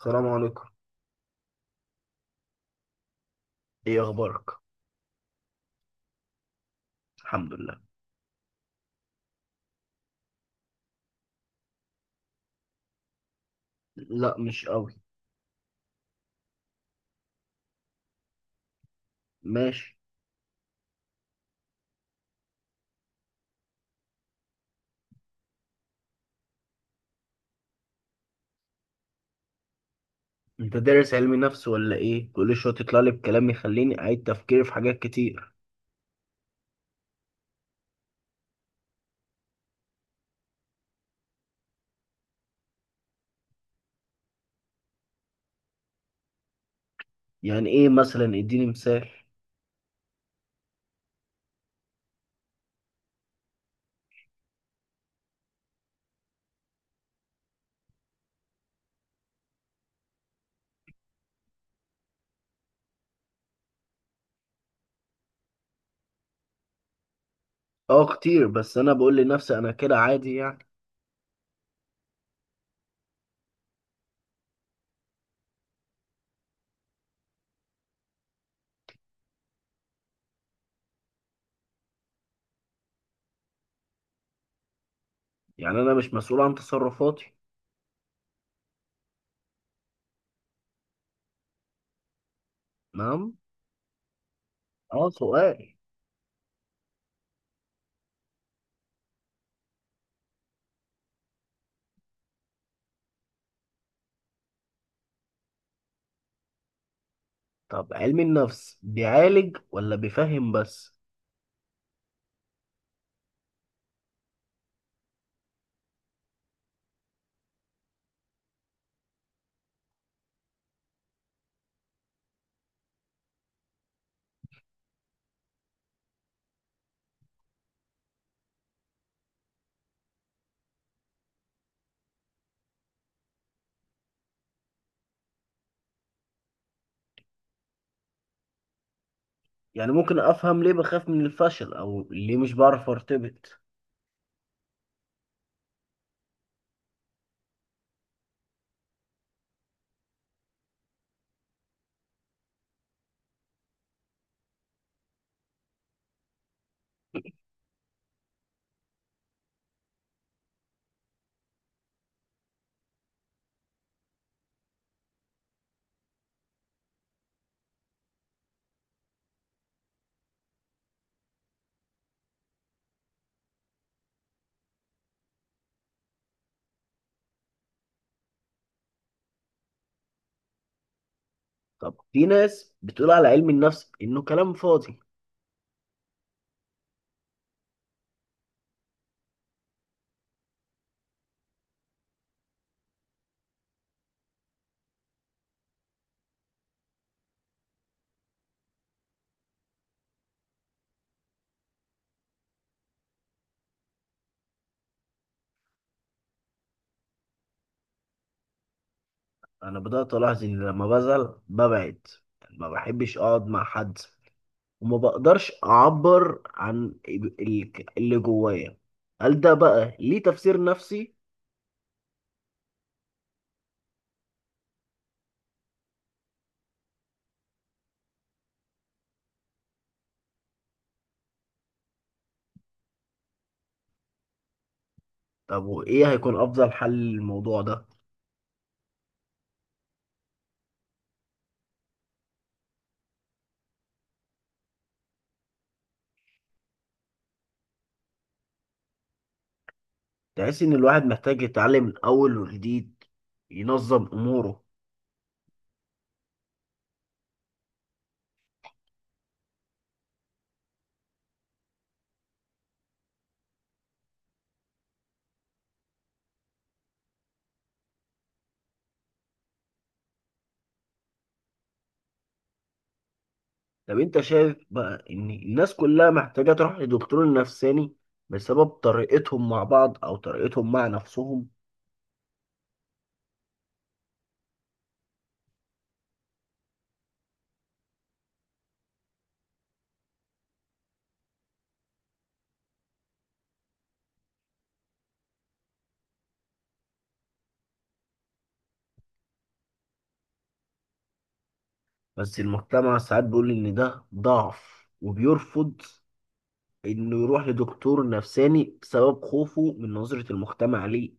السلام عليكم. ايه اخبارك؟ الحمد لله. لا مش قوي. ماشي. انت دارس علم نفس ولا ايه؟ كل شويه تطلع لي بكلام يخليني اعيد تفكيري في حاجات كتير. يعني ايه مثلا؟ اديني مثال. اه كتير، بس انا بقول لنفسي انا كده عادي يعني. يعني انا مش مسؤول عن تصرفاتي؟ نعم. اه سؤال. طب علم النفس بيعالج ولا بيفهم بس؟ يعني ممكن افهم ليه بخاف من الفشل او ليه مش بعرف ارتبط؟ طب في ناس بتقول على علم النفس انه كلام فاضي. انا بدات الاحظ ان لما بزعل ببعد، يعني ما بحبش اقعد مع حد وما بقدرش اعبر عن اللي جوايا. هل ده بقى ليه تفسير نفسي؟ طب وايه هيكون افضل حل للموضوع ده؟ تحس ان الواحد محتاج يتعلم من اول وجديد، ينظم اموره. طب انت شايف بقى ان الناس كلها محتاجه تروح لدكتور نفساني بسبب طريقتهم مع بعض او طريقتهم مع نفسهم؟ بس المجتمع ساعات بيقول إن ده ضعف وبيرفض إنه يروح لدكتور نفساني بسبب خوفه من نظرة المجتمع ليه.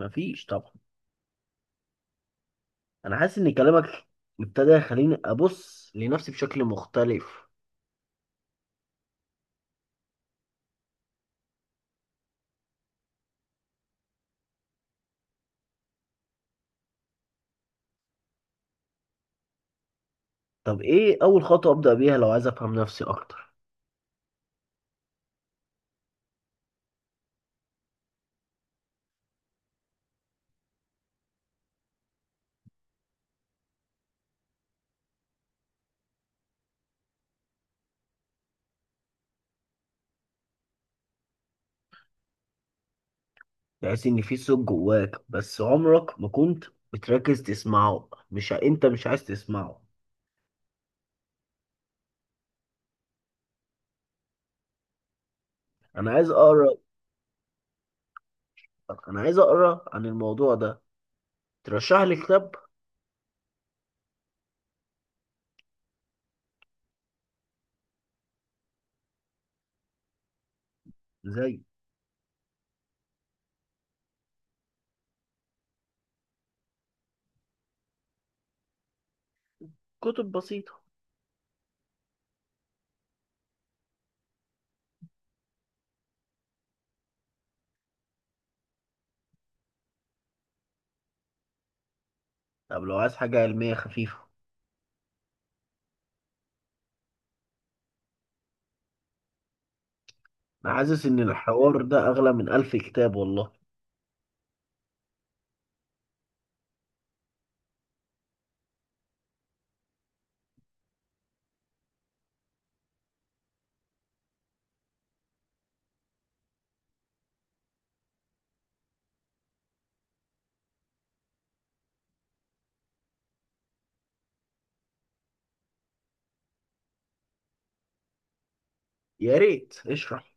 مفيش طبعا. أنا حاسس إن كلامك ابتدى يخليني أبص لنفسي بشكل مختلف. طب إيه أول خطوة أبدأ بيها لو عايز أفهم نفسي أكتر؟ تحس إن في صوت جواك بس عمرك ما كنت بتركز تسمعه، مش ع- أنت مش عايز تسمعه. أنا عايز أقرأ. أنا عايز أقرأ عن الموضوع ده. ترشح لي كتاب؟ زي. كتب بسيطة. طب لو عايز حاجة علمية خفيفة؟ أنا حاسس إن الحوار ده أغلى من ألف كتاب والله. يا ريت اشرح.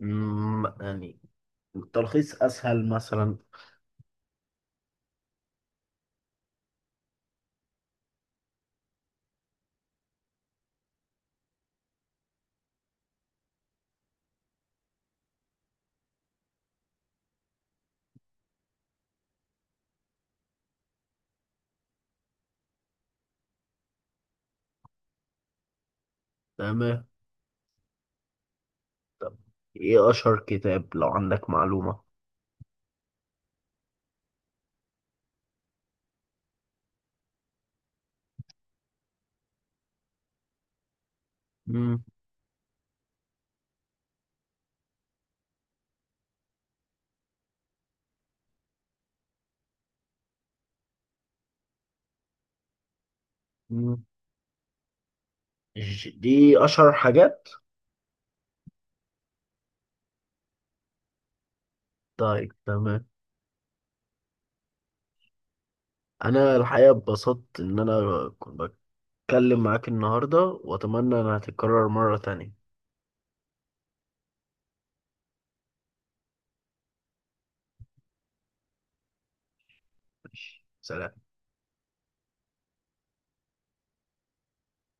مم، يعني التلخيص أسهل مثلا؟ تمام. طب إيه أشهر كتاب لو عندك معلومة؟ مم. مم. دي أشهر حاجات؟ طيب تمام. أنا الحقيقة اتبسطت إن أنا كنت بتكلم معاك النهاردة، وأتمنى إنها تتكرر مرة تانية. ماشي. سلام.